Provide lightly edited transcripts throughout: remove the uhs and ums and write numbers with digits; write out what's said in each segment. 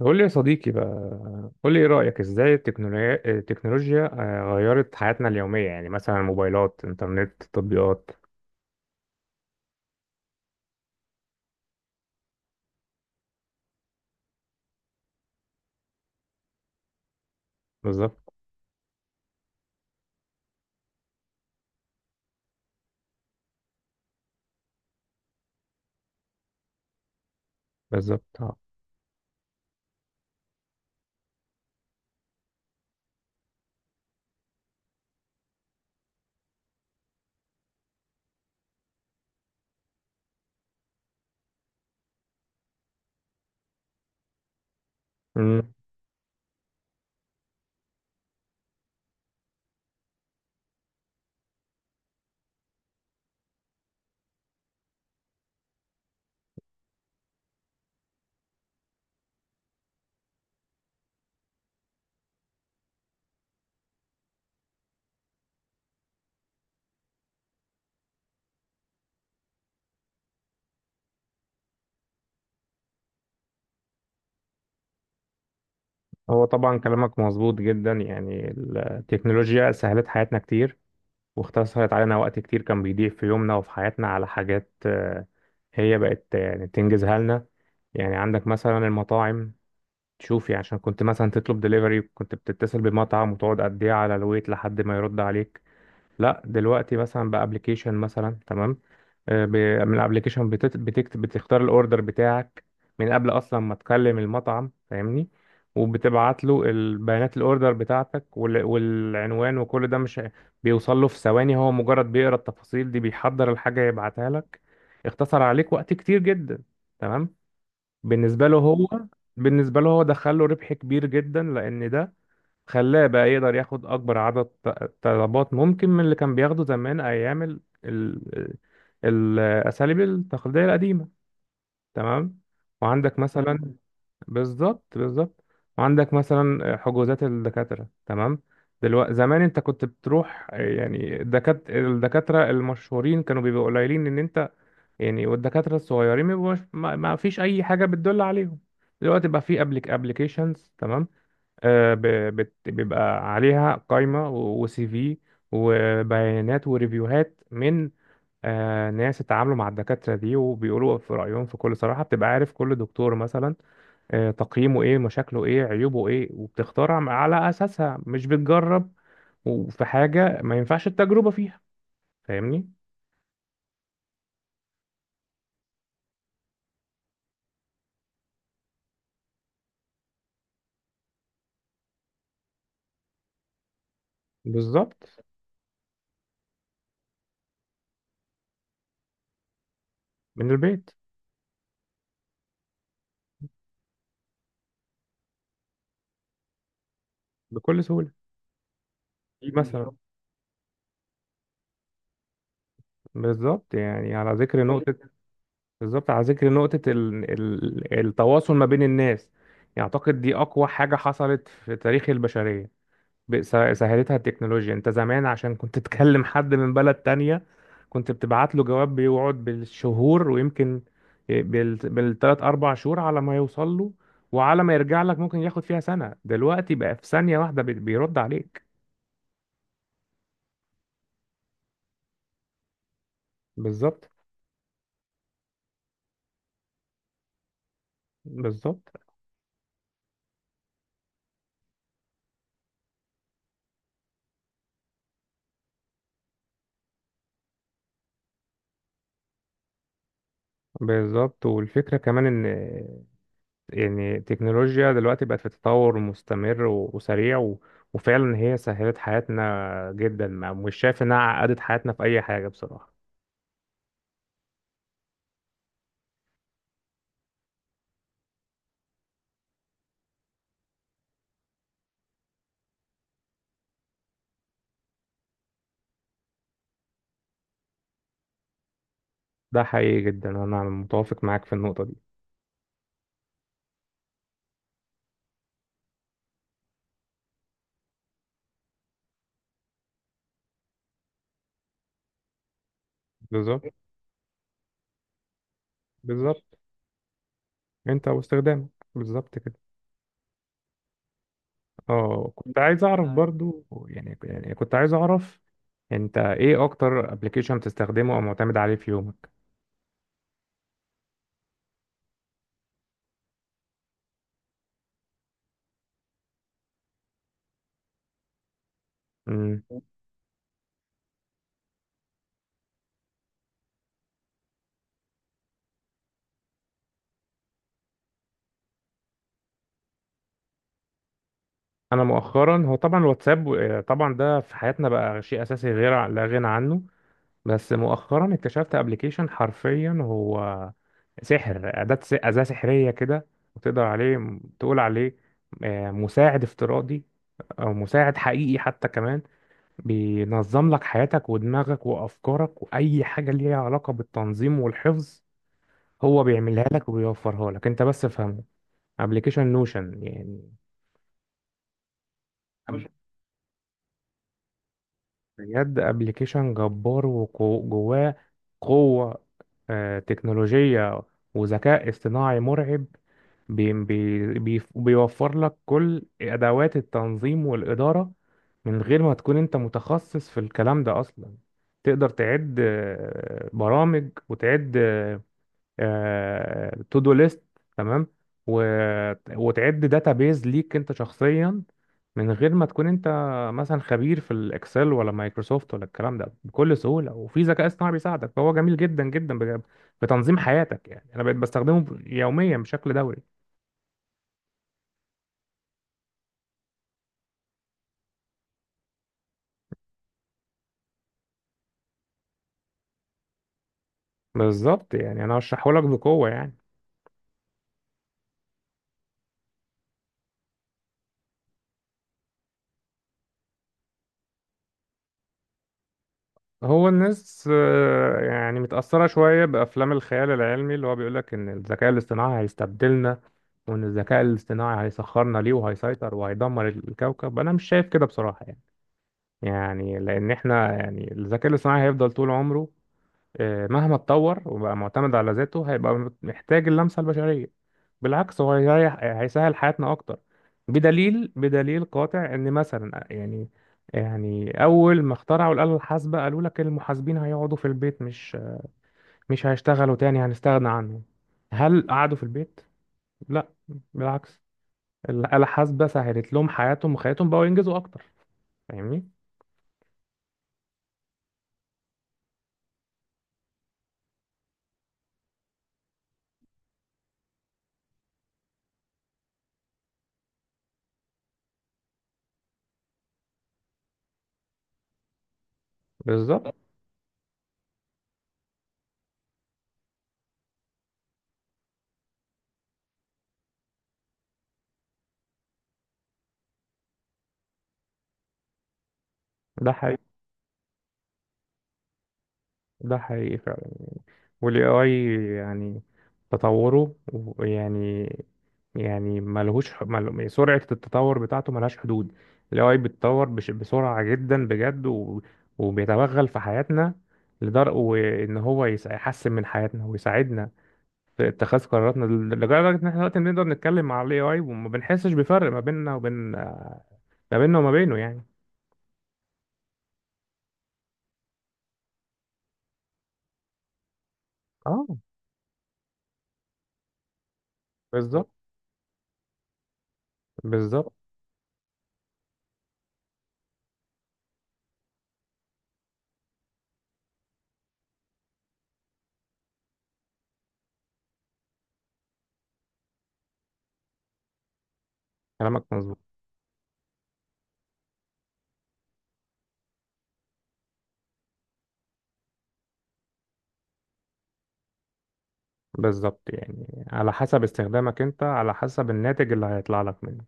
قول لي يا صديقي بقى، قول لي ايه رأيك، ازاي التكنولوجيا غيرت حياتنا اليومية؟ يعني مثلا موبايلات، انترنت، تطبيقات. بالظبط، بالظبط، اه. أمم. هو طبعا كلامك مظبوط جدا، يعني التكنولوجيا سهلت حياتنا كتير، واختصرت علينا وقت كتير كان بيضيع في يومنا وفي حياتنا على حاجات. هي بقت يعني تنجزها لنا. يعني عندك مثلا المطاعم، شوفي عشان كنت مثلا تطلب دليفري، كنت بتتصل بمطعم وتقعد قد ايه على الويت لحد ما يرد عليك. لا دلوقتي مثلا بابلكيشن مثلا، تمام؟ آه، ب- من الابلكيشن بتكتب، بتختار الاوردر بتاعك من قبل اصلا ما تكلم المطعم، فاهمني؟ وبتبعت له البيانات، الاوردر بتاعتك والعنوان وكل ده، مش بيوصل له في ثواني؟ هو مجرد بيقرا التفاصيل دي، بيحضر الحاجه، يبعتها لك. اختصر عليك وقت كتير جدا، تمام؟ بالنسبه له هو، بالنسبه له هو دخل له ربح كبير جدا، لان ده خلاه بقى يقدر ياخد أكبر عدد طلبات ممكن من اللي كان بياخده زمان، أيام الأساليب التقليدية القديمة، تمام؟ وعندك مثلا مم. بالظبط، بالظبط. وعندك مثلا حجوزات الدكاترة، تمام؟ دلوقتي، زمان انت كنت بتروح يعني الدكاترة المشهورين كانوا بيبقوا قليلين ان انت يعني، والدكاترة الصغيرين ما بيبقوش- ما ما فيش اي حاجة بتدل عليهم. دلوقتي بقى في ابليكيشنز، تمام؟ آه، ب- بيبقى عليها قائمة وسي في، وبيانات وريفيوهات من ناس اتعاملوا مع الدكاترة دي وبيقولوا في رأيهم في كل صراحة، بتبقى عارف كل دكتور مثلا تقييمه ايه، مشاكله ايه، عيوبه ايه، وبتختارها على أساسها، مش بتجرب. وفي حاجة ما ينفعش التجربة فيها، فاهمني؟ بالظبط. من البيت. بكل سهولة. دي مثلا، بالظبط. بالظبط، يعني على ذكر نقطة. بالظبط، على ذكر نقطة التواصل ما بين الناس، يعني أعتقد دي أقوى حاجة حصلت في تاريخ البشرية، سهلتها التكنولوجيا. أنت زمان عشان كنت تكلم حد من بلد تانية، كنت بتبعت له جواب بيقعد بالشهور، ويمكن بالتلات أربع شهور على ما يوصل له، وعلى ما يرجع لك ممكن ياخد فيها سنة. دلوقتي بقى في ثانية واحدة بيرد عليك. بالظبط. بالظبط، بالظبط. والفكرة كمان، يعني التكنولوجيا دلوقتي بقت في تطور مستمر وسريع وفعلا هي سهلت حياتنا جدا، ما مش شايف انها عقدت حياتنا في اي حاجة بصراحة. ده حقيقي جدا، انا متوافق معاك في النقطة دي. بالظبط، بالظبط. انت واستخدامك. بالظبط كده. اه، كنت عايز اعرف برضو، يعني كنت عايز اعرف، انت ايه اكتر ابلكيشن بتستخدمه او معتمد عليه في يومك؟ امم. انا مؤخرا، هو طبعا الواتساب، طبعا ده في حياتنا بقى شيء اساسي غير لا غنى عنه. بس مؤخرا اكتشفت ابلكيشن، حرفيا هو سحر، أداة سحرية كده، وتقدر تقول عليه مساعد افتراضي، أو مساعد حقيقي حتى كمان. بينظم لك حياتك ودماغك وأفكارك، وأي حاجة ليها علاقة بالتنظيم والحفظ، هو بيعملها لك وبيوفرها لك، أنت بس افهمه. ابلكيشن نوشن يعني. بجد ابلكيشن جبار، وجواه قوة تكنولوجية وذكاء اصطناعي مرعب. بي بي بي بيوفر لك كل أدوات التنظيم والإدارة من غير ما تكون أنت متخصص في الكلام ده أصلا. تقدر تعد برامج، وتعد تو دو ليست، تمام؟ و... وتعد داتا بيز ليك انت شخصيا، من غير ما تكون انت مثلا خبير في الاكسل ولا مايكروسوفت ولا الكلام ده، بكل سهوله، وفي ذكاء اصطناعي بيساعدك. فهو جميل جدا في تنظيم حياتك. يعني انا بقيت بستخدمه يوميا بشكل دوري. بالظبط، يعني انا هشرحه لك بقوه يعني. هو الناس يعني متأثرة شوية بأفلام الخيال العلمي، اللي هو بيقولك إن الذكاء الاصطناعي هيستبدلنا، وإن الذكاء الاصطناعي هيسخرنا ليه، وهيسيطر، وهيدمر الكوكب. أنا مش شايف كده بصراحة، يعني لأن إحنا يعني الذكاء الاصطناعي هيفضل طول عمره، مهما اتطور وبقى معتمد على ذاته، هيبقى محتاج اللمسة البشرية. بالعكس، هو هيريح، هيسهل حياتنا أكتر. بدليل، بدليل قاطع، إن مثلا يعني، يعني أول ما اخترعوا الآلة الحاسبة، قالوا لك المحاسبين هيقعدوا في البيت، مش هيشتغلوا تاني، هنستغنى عنهم. هل قعدوا في البيت؟ لا، بالعكس، الآلة الحاسبة سهلت لهم حياتهم، وخياتهم بقوا ينجزوا أكتر. فاهمني؟ بالظبط. ده حقيقي. فعلا. والاي اي يعني تطوره يعني، يعني سرعة التطور بتاعته ملهاش حدود. ال AI بيتطور بسرعة جدا بجد، وبيتوغل في حياتنا، لدرجة وإن هو يحسن من حياتنا ويساعدنا في اتخاذ قراراتنا، لدرجة إن إحنا دلوقتي بنقدر نتكلم مع ال AI وما بنحسش بفرق ما بيننا وما بينه يعني. اه، بالظبط، بالظبط. كلامك مظبوط، بالظبط. يعني على حسب استخدامك انت، على حسب الناتج اللي هيطلع لك منه.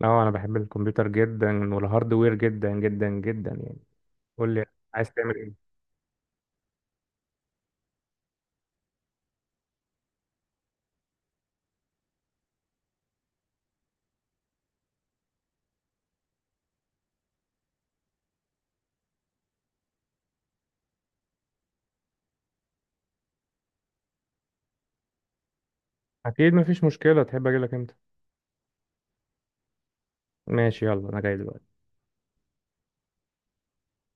لا، انا بحب الكمبيوتر جدا، والهاردوير جدا جدا جدا يعني. قول لي، عايز تعمل ايه؟ اكيد مفيش مشكلة، تحب اجي لك امتى؟ ماشي، يلا انا جاي دلوقتي.